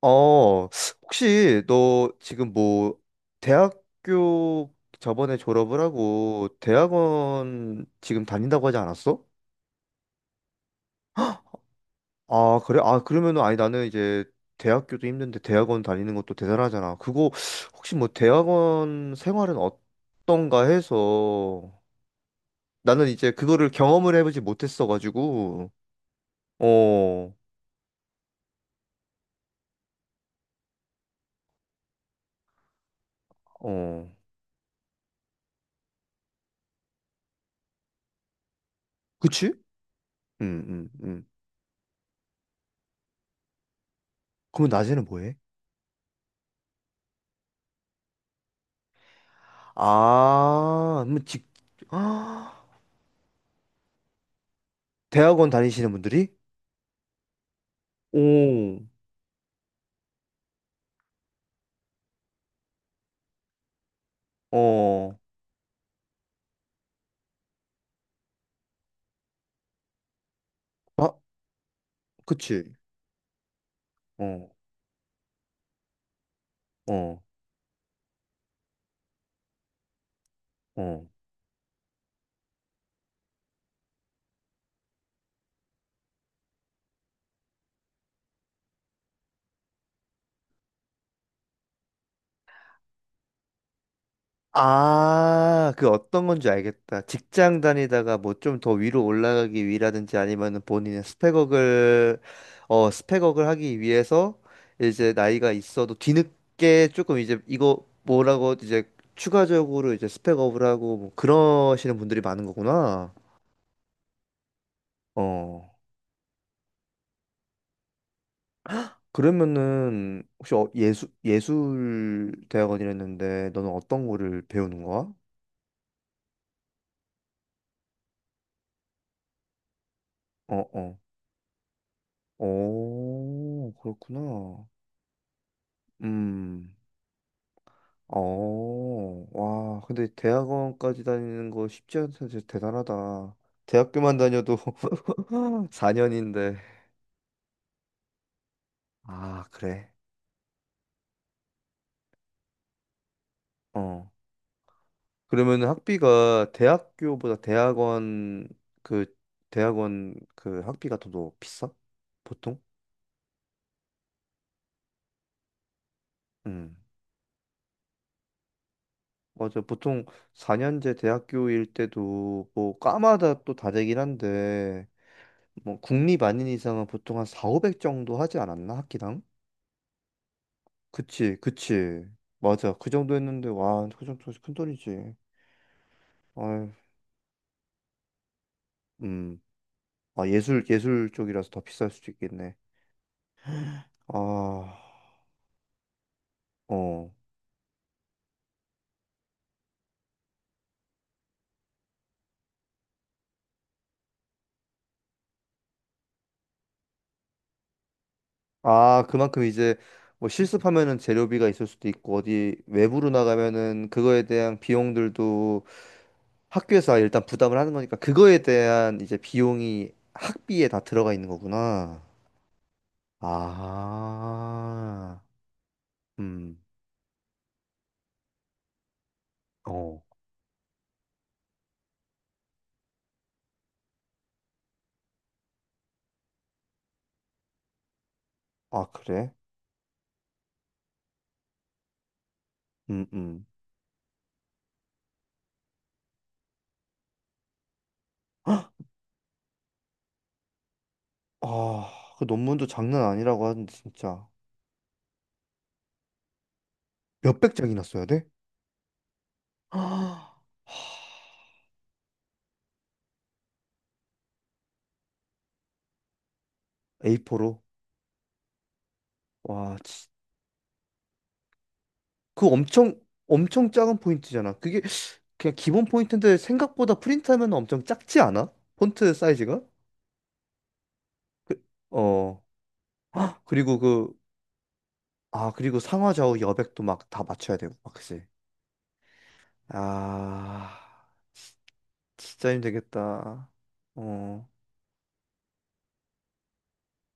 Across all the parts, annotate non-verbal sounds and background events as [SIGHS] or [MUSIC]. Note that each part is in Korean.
어, 혹시 너 지금 뭐 대학교 저번에 졸업을 하고 대학원 지금 다닌다고 하지 않았어? 아, 그래? 아, 그러면은 아니 나는 이제 대학교도 힘든데 대학원 다니는 것도 대단하잖아. 그거 혹시 뭐 대학원 생활은 어떤가 해서 나는 이제 그거를 경험을 해보지 못했어가지고. 어, 어, 그치? 음, 음, 음. 그럼 낮에는 뭐 해? 아, [GASPS] 대학원 다니시는 분들이? 오, 어, 아, 그치. 어, 어, 어. 아, 그 어떤 건지 알겠다. 직장 다니다가 뭐 좀 더 위로 올라가기 위라든지 아니면은 본인의 스펙업을 하기 위해서 이제 나이가 있어도 뒤늦게 조금 이제 이거 뭐라고 이제 추가적으로 이제 스펙업을 하고 뭐 그러시는 분들이 많은 거구나. 어. 그러면은 혹시 예술 대학원이랬는데 너는 어떤 거를 배우는 거야? 어, 어. 오, 그렇구나. 음. 어. 와, 근데 대학원까지 다니는 거 쉽지 않다. 진짜 대단하다. 대학교만 다녀도 [LAUGHS] 4년인데. 아, 그래. 어. 그러면은 학비가 대학교보다 그 대학원 그 학비가 더 비싸? 보통? 음. 맞아. 보통 4년제 대학교일 때도 뭐 과마다 또 다르긴 한데 뭐 국립 아닌 이상은 보통 한 4, 500 정도 하지 않았나? 학기당? 그치, 그치. 맞아. 그 정도 했는데 와, 그 정도 큰돈이지. 아유, 음. 아, 예술 쪽이라서 더 비쌀 수도 있겠네. 아, 어. 아, 그만큼 이제 뭐 실습하면은 재료비가 있을 수도 있고 어디 외부로 나가면은 그거에 대한 비용들도 학교에서 일단 부담을 하는 거니까 그거에 대한 이제 비용이 학비에 다 들어가 있는 거구나. 아, 음, 어, 아, 그래? 음, 음. 헉! 아, 그 논문도 장난 아니라고 하는데 진짜 몇백 장이나 써야 돼? 아, A4로? 와, 그 엄청 엄청 작은 포인트잖아. 그게 그냥 기본 포인트인데 생각보다 프린트하면 엄청 작지 않아? 폰트 사이즈가? 그, 어. 헉! 그리고 그리고 상하좌우 여백도 막 다 맞춰야 되고, 막 그치? 아, 지- 진짜 힘들겠다. 어,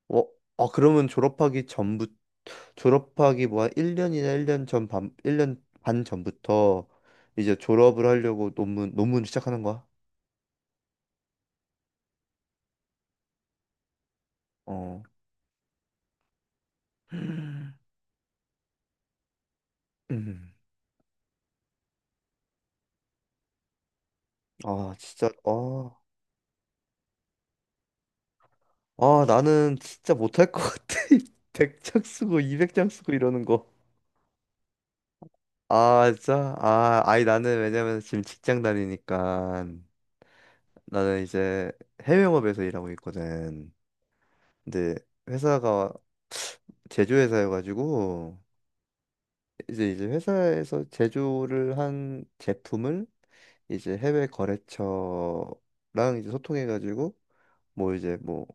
어, 아, 졸업하기 뭐 한 1년이나 1년 반 전부터 이제 졸업을 하려고 논문 시작하는 거야? 어. [SIGHS] 음. 아, 진짜, 아, 아, 나는 진짜 못할 것 같아. [LAUGHS] 100장 쓰고 200장 쓰고 이러는 거. 아, 진짜? 아, 아니, 나는 왜냐면 지금 직장 다니니까 나는 이제 해외 영업에서 일하고 있거든. 근데 회사가 제조 회사여가지고 이제 회사에서 제조를 한 제품을 이제 해외 거래처랑 이제 소통해가지고 뭐 이제 뭐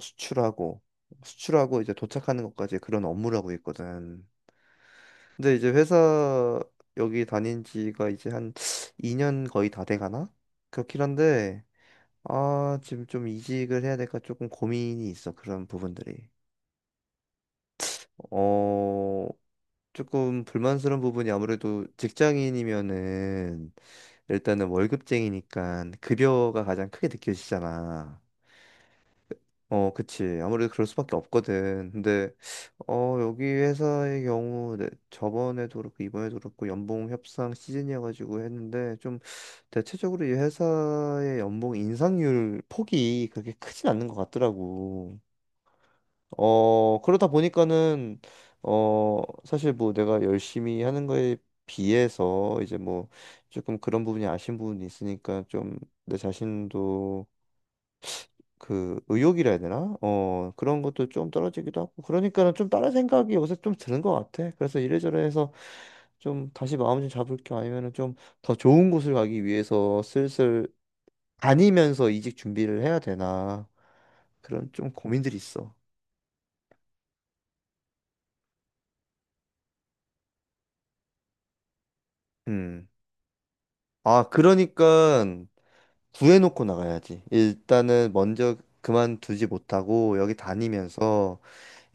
수출하고 수출하고 이제 도착하는 것까지 그런 업무를 하고 있거든. 근데 이제 회사 여기 다닌 지가 이제 한 2년 거의 다 돼가나? 그렇긴 한데, 아, 지금 좀 이직을 해야 될까 조금 고민이 있어, 그런 부분들이. 어, 조금 불만스러운 부분이 아무래도 직장인이면은 일단은 월급쟁이니까 급여가 가장 크게 느껴지잖아. 어, 그치. 아무래도 그럴 수밖에 없거든. 근데, 어, 여기 회사의 경우, 네, 저번에도 그렇고, 이번에도 그렇고, 연봉 협상 시즌이어가지고 했는데, 좀, 대체적으로 이 회사의 연봉 인상률 폭이 그렇게 크진 않는 것 같더라고. 어, 그러다 보니까는, 어, 사실 뭐 내가 열심히 하는 거에 비해서, 이제 뭐, 조금 그런 부분이 아쉬운 부분이 있으니까, 좀, 내 자신도 그 의욕이라 해야 되나? 어, 그런 것도 좀 떨어지기도 하고 그러니까는 좀 다른 생각이 요새 좀 드는 것 같아. 그래서 이래저래 해서 좀 다시 마음 좀 잡을 겸 아니면은 좀 더 좋은 곳을 가기 위해서 슬슬 다니면서 이직 준비를 해야 되나 그런 좀 고민들이 있어. 음. 아, 그러니까 구해놓고 나가야지. 일단은 먼저 그만두지 못하고 여기 다니면서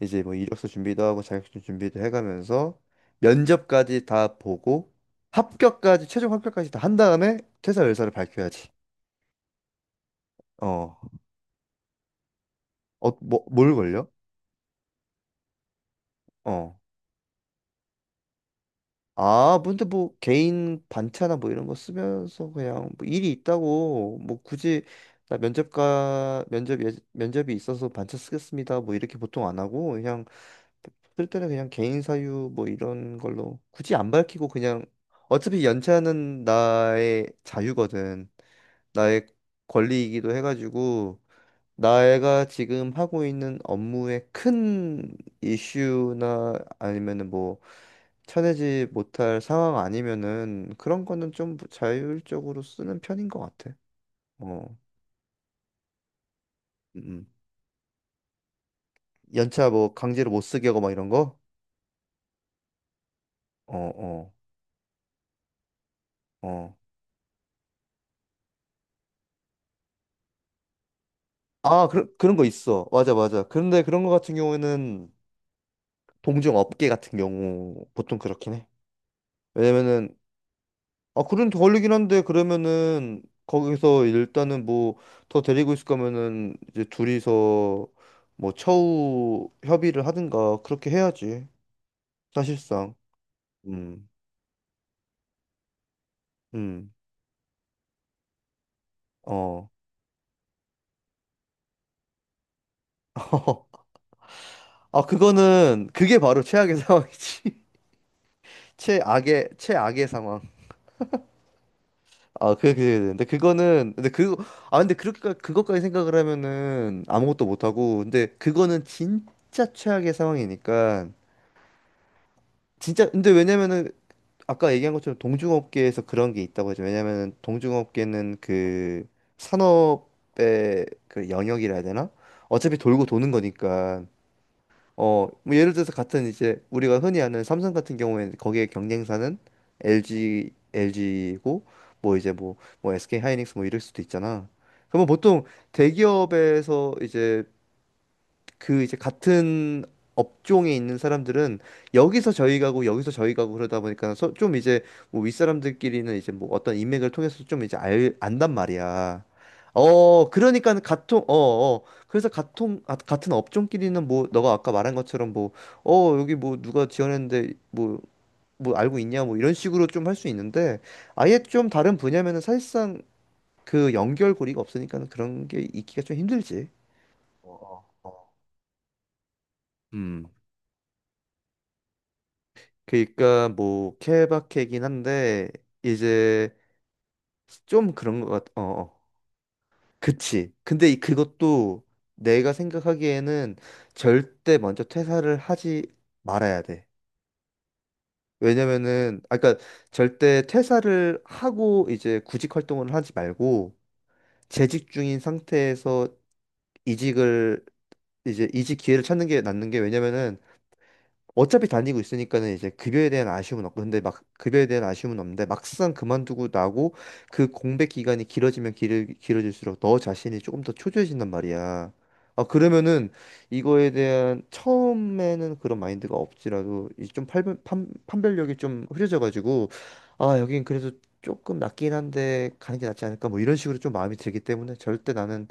이제 뭐 이력서 준비도 하고 자격증 준비도 해가면서 면접까지 다 보고 합격까지 최종 합격까지 다 한 다음에 퇴사 의사를 밝혀야지. 어, 어, 뭘 걸려? 어. 아, 근데 뭐 개인 반차나 뭐 이런 거 쓰면서 그냥 뭐 일이 있다고 뭐 굳이 나 면접이 있어서 반차 쓰겠습니다. 뭐 이렇게 보통 안 하고 그냥 쓸 때는 그냥 개인 사유 뭐 이런 걸로 굳이 안 밝히고 그냥 어차피 연차는 나의 자유거든. 나의 권리이기도 해가지고 내가 지금 하고 있는 업무의 큰 이슈나 아니면은 뭐 쳐내지 못할 상황 아니면은 그런 거는 좀 자율적으로 쓰는 편인 것 같아. 어, 음. 연차 뭐 강제로 못 쓰게 하고 막 이런 거? 어, 어, 어. 아, 그런 거 있어. 맞아, 맞아. 그런데 그런 거 같은 경우에는 동종 업계 같은 경우 보통 그렇긴 해. 왜냐면은. 아, 그런 더 걸리긴 한데 그러면은 거기서 일단은 뭐 더 데리고 있을 거면은 이제 둘이서 뭐 처우 협의를 하든가 그렇게 해야지. 사실상. 음. 음. 어. [LAUGHS] 아, 그거는 그게 바로 최악의 상황이지. [LAUGHS] 최악의 상황. 아, 근데 그거는, 근데 그, 아, 근데 그렇게, 그것까지 생각을 하면은 아무것도 못하고, 근데 그거는 진짜 최악의 상황이니까, 진짜, 근데 왜냐면은, 아까 얘기한 것처럼 동중업계에서 그런 게 있다고 하죠. 왜냐면은 동중업계는 그 산업의 그 영역이라 해야 되나? 어차피 돌고 도는 거니까. 어, 뭐 예를 들어서 같은 이제 우리가 흔히 아는 삼성 같은 경우에는 거기에 경쟁사는 LG고 뭐 이제 뭐, SK 하이닉스 뭐 이럴 수도 있잖아. 그러면 보통 대기업에서 이제 그 이제 같은 업종에 있는 사람들은 여기서 저희 가고 여기서 저희 가고 그러다 보니까 좀 이제 뭐 윗사람들끼리는 이제 뭐 어떤 인맥을 통해서 좀 이제 안단 말이야. 어, 그러니까 같은 어, 어. 그래서 같은 아, 같은 업종끼리는 뭐 너가 아까 말한 것처럼 뭐 어, 여기 뭐 누가 지원했는데 뭐 뭐 알고 있냐 뭐 이런 식으로 좀 할 수 있는데 아예 좀 다른 분야면은 사실상 그 연결고리가 없으니까는 그런 게 있기가 좀 힘들지. 어, 어, 어. 음. 그러니까 뭐 케바케긴 한데 이제 좀 그런 것 같. 어, 어. 그치. 근데 이- 그것도 내가 생각하기에는 절대 먼저 퇴사를 하지 말아야 돼. 왜냐면은 아까 절대 퇴사를 하고 이제 구직 활동을 하지 말고 재직 중인 상태에서 이직을 이제 이직 기회를 찾는 게 낫는 게. 왜냐면은 어차피 다니고 있으니까는 이제 급여에 대한 아쉬움은 없고 근데 막 급여에 대한 아쉬움은 없는데 막상 그만두고 나고 그 공백 기간이 길어지면 길어질수록 너 자신이 조금 더 초조해진단 말이야. 아 그러면은 이거에 대한 처음에는 그런 마인드가 없지라도 이 좀 판별력이 좀 흐려져가지고 아 여긴 그래도 조금 낫긴 한데 가는 게 낫지 않을까 뭐 이런 식으로 좀 마음이 들기 때문에 절대 나는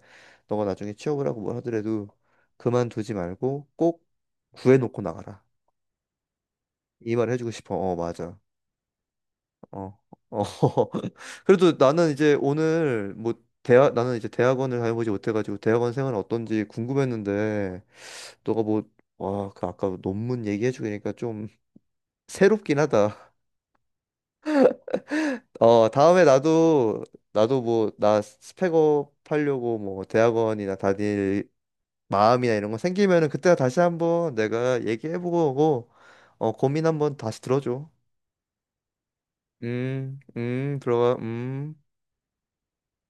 너가 나중에 취업을 하고 뭘 하더라도 그만두지 말고 꼭 구해놓고 나가라. 이 말을 해주고 싶어. 어, 맞아. 어, 어. [LAUGHS] 그래도 나는 이제 오늘 뭐 대학 나는 이제 대학원을 다녀보지 못해가지고 대학원 생활 어떤지 궁금했는데 너가 뭐 와, 그 아까 논문 얘기해주니까 좀 새롭긴 하다. 어, 다음에 나도 나도 뭐 나 스펙업 하려고 뭐 대학원이나 다닐 마음이나 이런 거 생기면은 그때 다시 한번 내가 얘기해보고 어, 고민 한번 다시 들어줘. 들어가.